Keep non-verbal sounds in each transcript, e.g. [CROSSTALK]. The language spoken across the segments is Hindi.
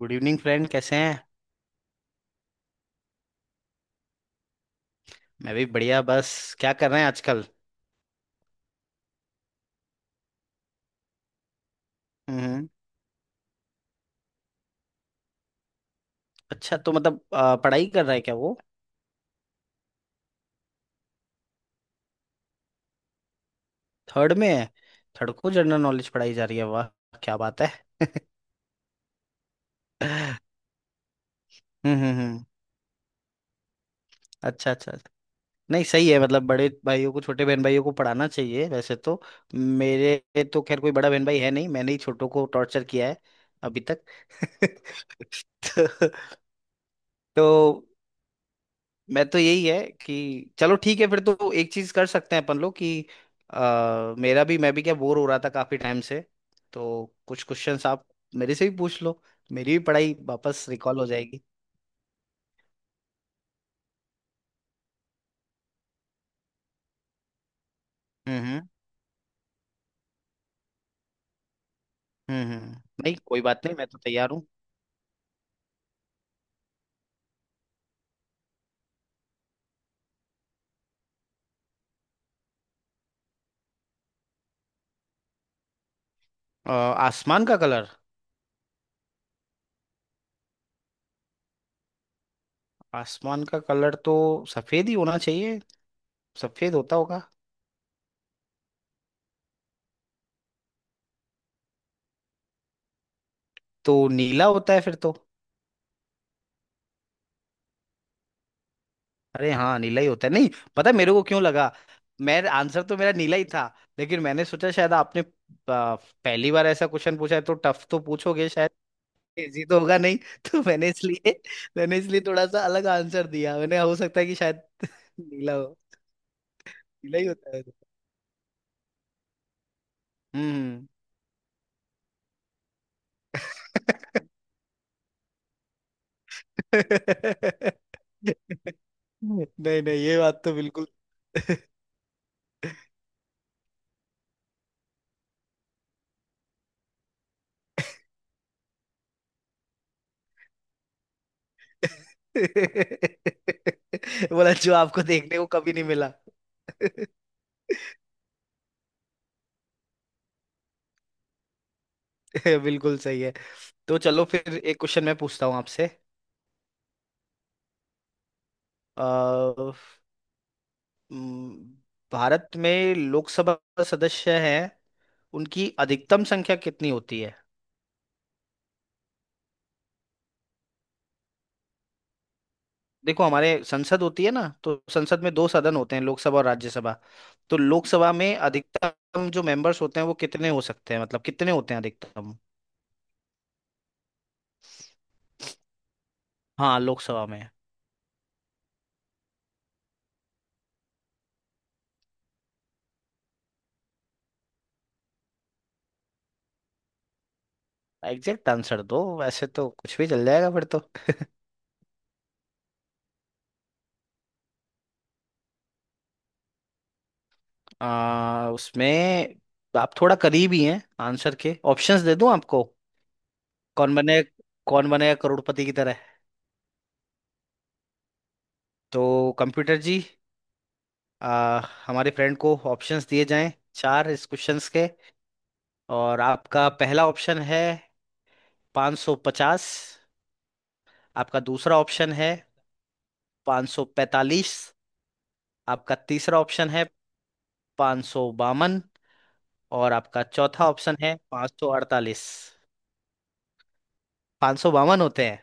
गुड इवनिंग फ्रेंड, कैसे हैं। मैं भी बढ़िया बस। क्या कर रहे हैं आजकल। हम्म। अच्छा तो मतलब पढ़ाई कर रहा है क्या वो। थर्ड में है। थर्ड को जनरल नॉलेज पढ़ाई जा रही है, वाह क्या बात है। हम्म। अच्छा अच्छा अच्छा। नहीं सही है, मतलब बड़े भाइयों को छोटे बहन भाइयों को पढ़ाना चाहिए वैसे तो। मेरे तो खैर कोई बड़ा बहन भाई है नहीं, मैंने ही छोटों को टॉर्चर किया है अभी तक। [LAUGHS] तो, तो मैं तो यही है कि चलो ठीक है, फिर तो एक चीज कर सकते हैं अपन लोग कि मेरा भी मैं भी क्या बोर हो रहा था काफी टाइम से। तो कुछ क्वेश्चंस आप मेरे से भी पूछ लो। मेरी भी पढ़ाई वापस रिकॉल हो जाएगी। हम्म हम्म नहीं कोई बात नहीं, मैं तो तैयार हूँ। अ, आसमान का कलर। आसमान का कलर तो सफेद ही होना चाहिए। सफेद होता होगा। तो नीला होता है फिर तो। अरे हाँ नीला ही होता है। नहीं, पता है मेरे को क्यों लगा। मैं आंसर तो मेरा नीला ही था। लेकिन मैंने सोचा शायद आपने आ, पहली बार ऐसा क्वेश्चन पूछा है तो टफ तो पूछोगे शायद। इजी तो होगा नहीं। [LAUGHS] तो मैंने इसलिए थोड़ा सा अलग आंसर दिया। मैंने, हो सकता है कि शायद नीला हो। नीला ही होता है। हम्म। [LAUGHS] नहीं नहीं, ये बात तो बिल्कुल। [LAUGHS] बोला जो आपको देखने को कभी नहीं मिला। [LAUGHS] [LAUGHS] बिल्कुल सही है। तो चलो फिर एक क्वेश्चन मैं पूछता हूँ आपसे। अ, म, भारत में लोकसभा सदस्य हैं, उनकी अधिकतम संख्या कितनी होती है। देखो हमारे संसद होती है ना, तो संसद में दो सदन होते हैं, लोकसभा और राज्यसभा। तो लोकसभा में अधिकतम जो मेंबर्स होते हैं वो कितने हो सकते हैं, मतलब कितने होते हैं अधिकतम। हाँ लोकसभा में। एग्जैक्ट आंसर दो वैसे तो कुछ भी चल जाएगा फिर तो। उसमें आप थोड़ा करीब ही हैं, आंसर के ऑप्शंस दे दूं आपको। कौन बने कौन बनेगा करोड़पति की तरह। तो कंप्यूटर जी, आ, हमारे फ्रेंड को ऑप्शंस दिए जाएं चार इस क्वेश्चंस के। और आपका पहला ऑप्शन है 550। आपका दूसरा ऑप्शन है 545। आपका तीसरा ऑप्शन है 552। और आपका चौथा ऑप्शन है 548। 552 होते हैं।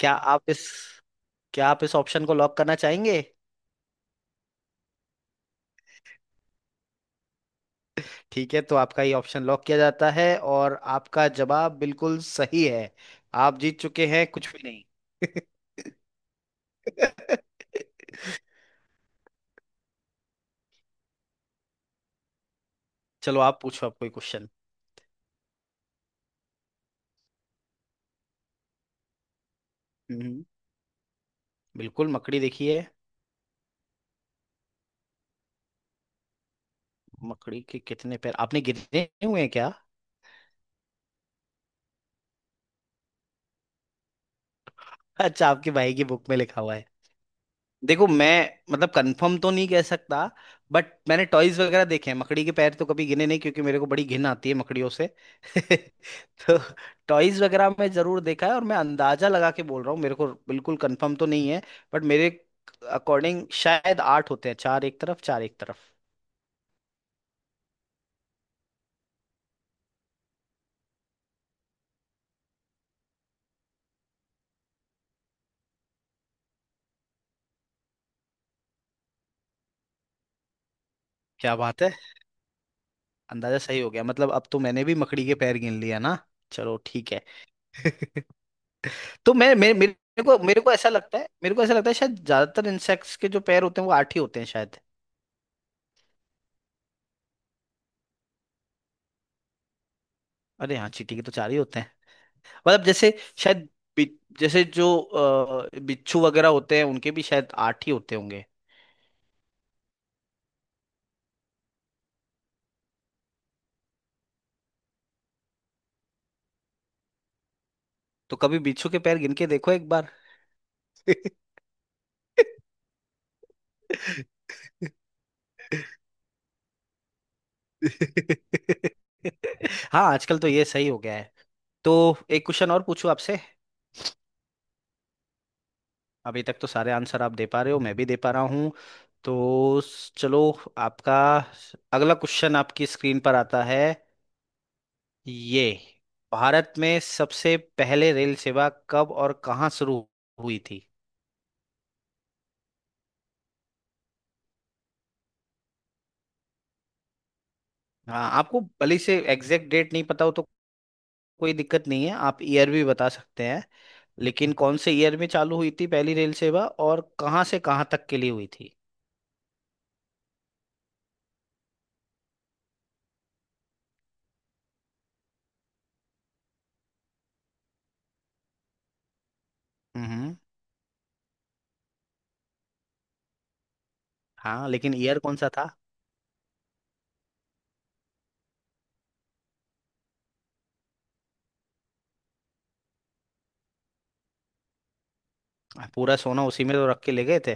क्या आप इस क्या आप इस ऑप्शन को लॉक करना चाहेंगे। ठीक है, तो आपका ये ऑप्शन लॉक किया जाता है और आपका जवाब बिल्कुल सही है। आप जीत चुके हैं कुछ भी नहीं। [LAUGHS] चलो आप पूछो आप कोई क्वेश्चन। हम्म, बिल्कुल मकड़ी देखिए। मकड़ी के कितने पैर आपने गिने हुए हैं क्या? अच्छा आपके भाई की बुक में लिखा हुआ है। देखो मैं मतलब कंफर्म तो नहीं कह सकता। बट मैंने टॉयज वगैरह देखे हैं, मकड़ी के पैर तो कभी गिने नहीं, क्योंकि मेरे को बड़ी घिन आती है मकड़ियों से। [LAUGHS] तो [LAUGHS] टॉयज वगैरह में जरूर देखा है, और मैं अंदाजा लगा के बोल रहा हूँ, मेरे को बिल्कुल कंफर्म तो नहीं है। बट मेरे अकॉर्डिंग शायद आठ होते हैं, चार एक तरफ चार एक तरफ। क्या बात है, अंदाजा सही हो गया। मतलब अब तो मैंने भी मकड़ी के पैर गिन लिया ना। चलो ठीक है। [LAUGHS] तो मैं मेरे मेरे को ऐसा लगता है शायद ज्यादातर इंसेक्ट्स के जो पैर होते हैं वो आठ ही होते हैं शायद। अरे हाँ, चींटी के तो चार ही होते हैं। मतलब जैसे शायद बि- जैसे जो बिच्छू वगैरह होते हैं उनके भी शायद आठ ही होते होंगे। तो कभी बिच्छू के पैर गिन के देखो एक बार। हाँ आजकल तो ये सही हो गया है। तो एक क्वेश्चन और पूछूं आपसे। अभी तक तो सारे आंसर आप दे पा रहे हो, मैं भी दे पा रहा हूँ। तो चलो, आपका अगला क्वेश्चन आपकी स्क्रीन पर आता है, ये भारत में सबसे पहले रेल सेवा कब और कहाँ शुरू हुई थी। हाँ आपको भले से एग्जैक्ट डेट नहीं पता हो तो कोई दिक्कत नहीं है, आप ईयर भी बता सकते हैं। लेकिन कौन से ईयर में चालू हुई थी पहली रेल सेवा, और कहाँ से कहाँ तक के लिए हुई थी। हम्म। हाँ लेकिन ईयर कौन सा था। पूरा सोना उसी में तो रख के ले गए थे।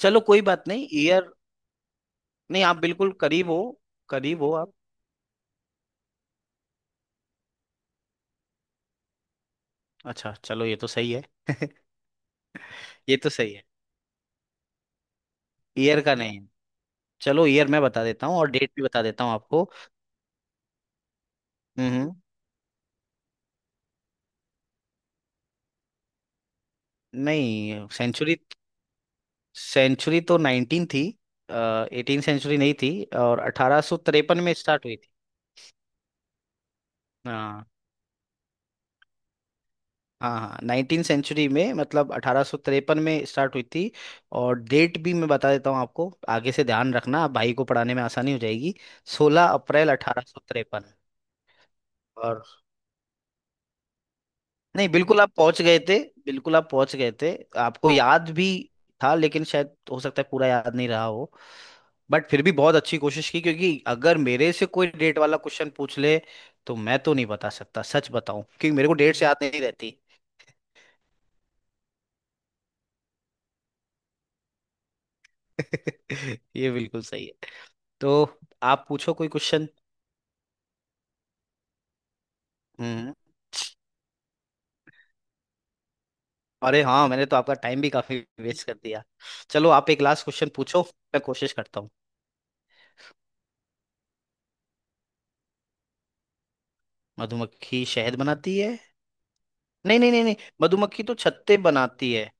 चलो कोई बात नहीं, ईयर नहीं, आप बिल्कुल करीब हो आप। अच्छा चलो ये तो सही है। [LAUGHS] ये तो सही है। ईयर का नहीं है। चलो ईयर मैं बता देता हूँ और डेट भी बता देता हूँ आपको। हम्म। नहीं, सेंचुरी सेंचुरी तो 19 थी। एटीन सेंचुरी नहीं थी। और 1853 में स्टार्ट हुई थी। हाँ हाँ हाँ, नाइनटीन सेंचुरी में, मतलब 1853 में स्टार्ट हुई थी। और डेट भी मैं बता देता हूँ आपको। आगे से ध्यान रखना, आप भाई को पढ़ाने में आसानी हो जाएगी। 16 अप्रैल 1853। और नहीं, बिल्कुल आप पहुंच गए थे। बिल्कुल आप पहुंच गए थे। आपको याद भी था, लेकिन शायद हो सकता है पूरा याद नहीं रहा हो। बट फिर भी बहुत अच्छी कोशिश की, क्योंकि अगर मेरे से कोई डेट वाला क्वेश्चन पूछ ले तो मैं तो नहीं बता सकता, सच बताऊं, क्योंकि मेरे को डेट से याद नहीं रहती। [LAUGHS] ये बिल्कुल सही है। तो आप पूछो कोई क्वेश्चन। हम्म। अरे हाँ, मैंने तो आपका टाइम भी काफी वेस्ट कर दिया। चलो आप एक लास्ट क्वेश्चन पूछो। मैं कोशिश करता हूँ। मधुमक्खी शहद बनाती है। नहीं नहीं नहीं नहीं, मधुमक्खी तो छत्ते बनाती है।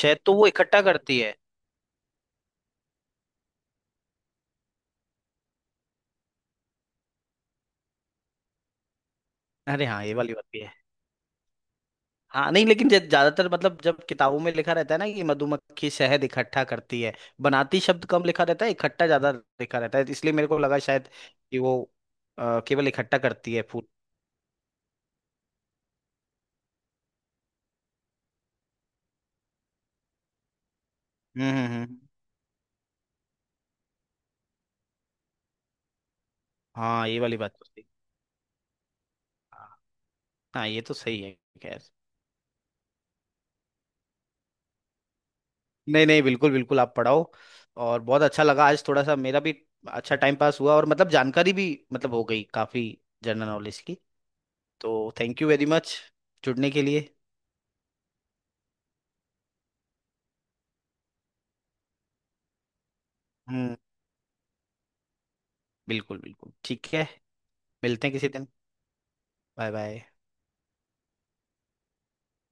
शहद तो वो इकट्ठा करती है। अरे हाँ, ये वाली बात भी है। हाँ नहीं, लेकिन ज्यादातर मतलब जब किताबों में लिखा रहता है ना कि मधुमक्खी शहद इकट्ठा करती है। बनाती शब्द कम लिखा रहता है, इकट्ठा ज्यादा लिखा रहता है, तो इसलिए मेरे को लगा शायद कि वो केवल इकट्ठा करती है फूल। हम्म हम्म हम्म। हाँ ये वाली बात तो सही। हाँ हाँ, ये तो सही है। खैर नहीं नहीं, बिल्कुल बिल्कुल आप पढ़ाओ। और बहुत अच्छा लगा आज, थोड़ा सा मेरा भी अच्छा टाइम पास हुआ, और मतलब जानकारी भी मतलब हो गई काफी, जनरल नॉलेज की। तो थैंक यू वेरी मच जुड़ने के लिए। हम्म, बिल्कुल बिल्कुल ठीक है। मिलते हैं किसी दिन। Bye bye.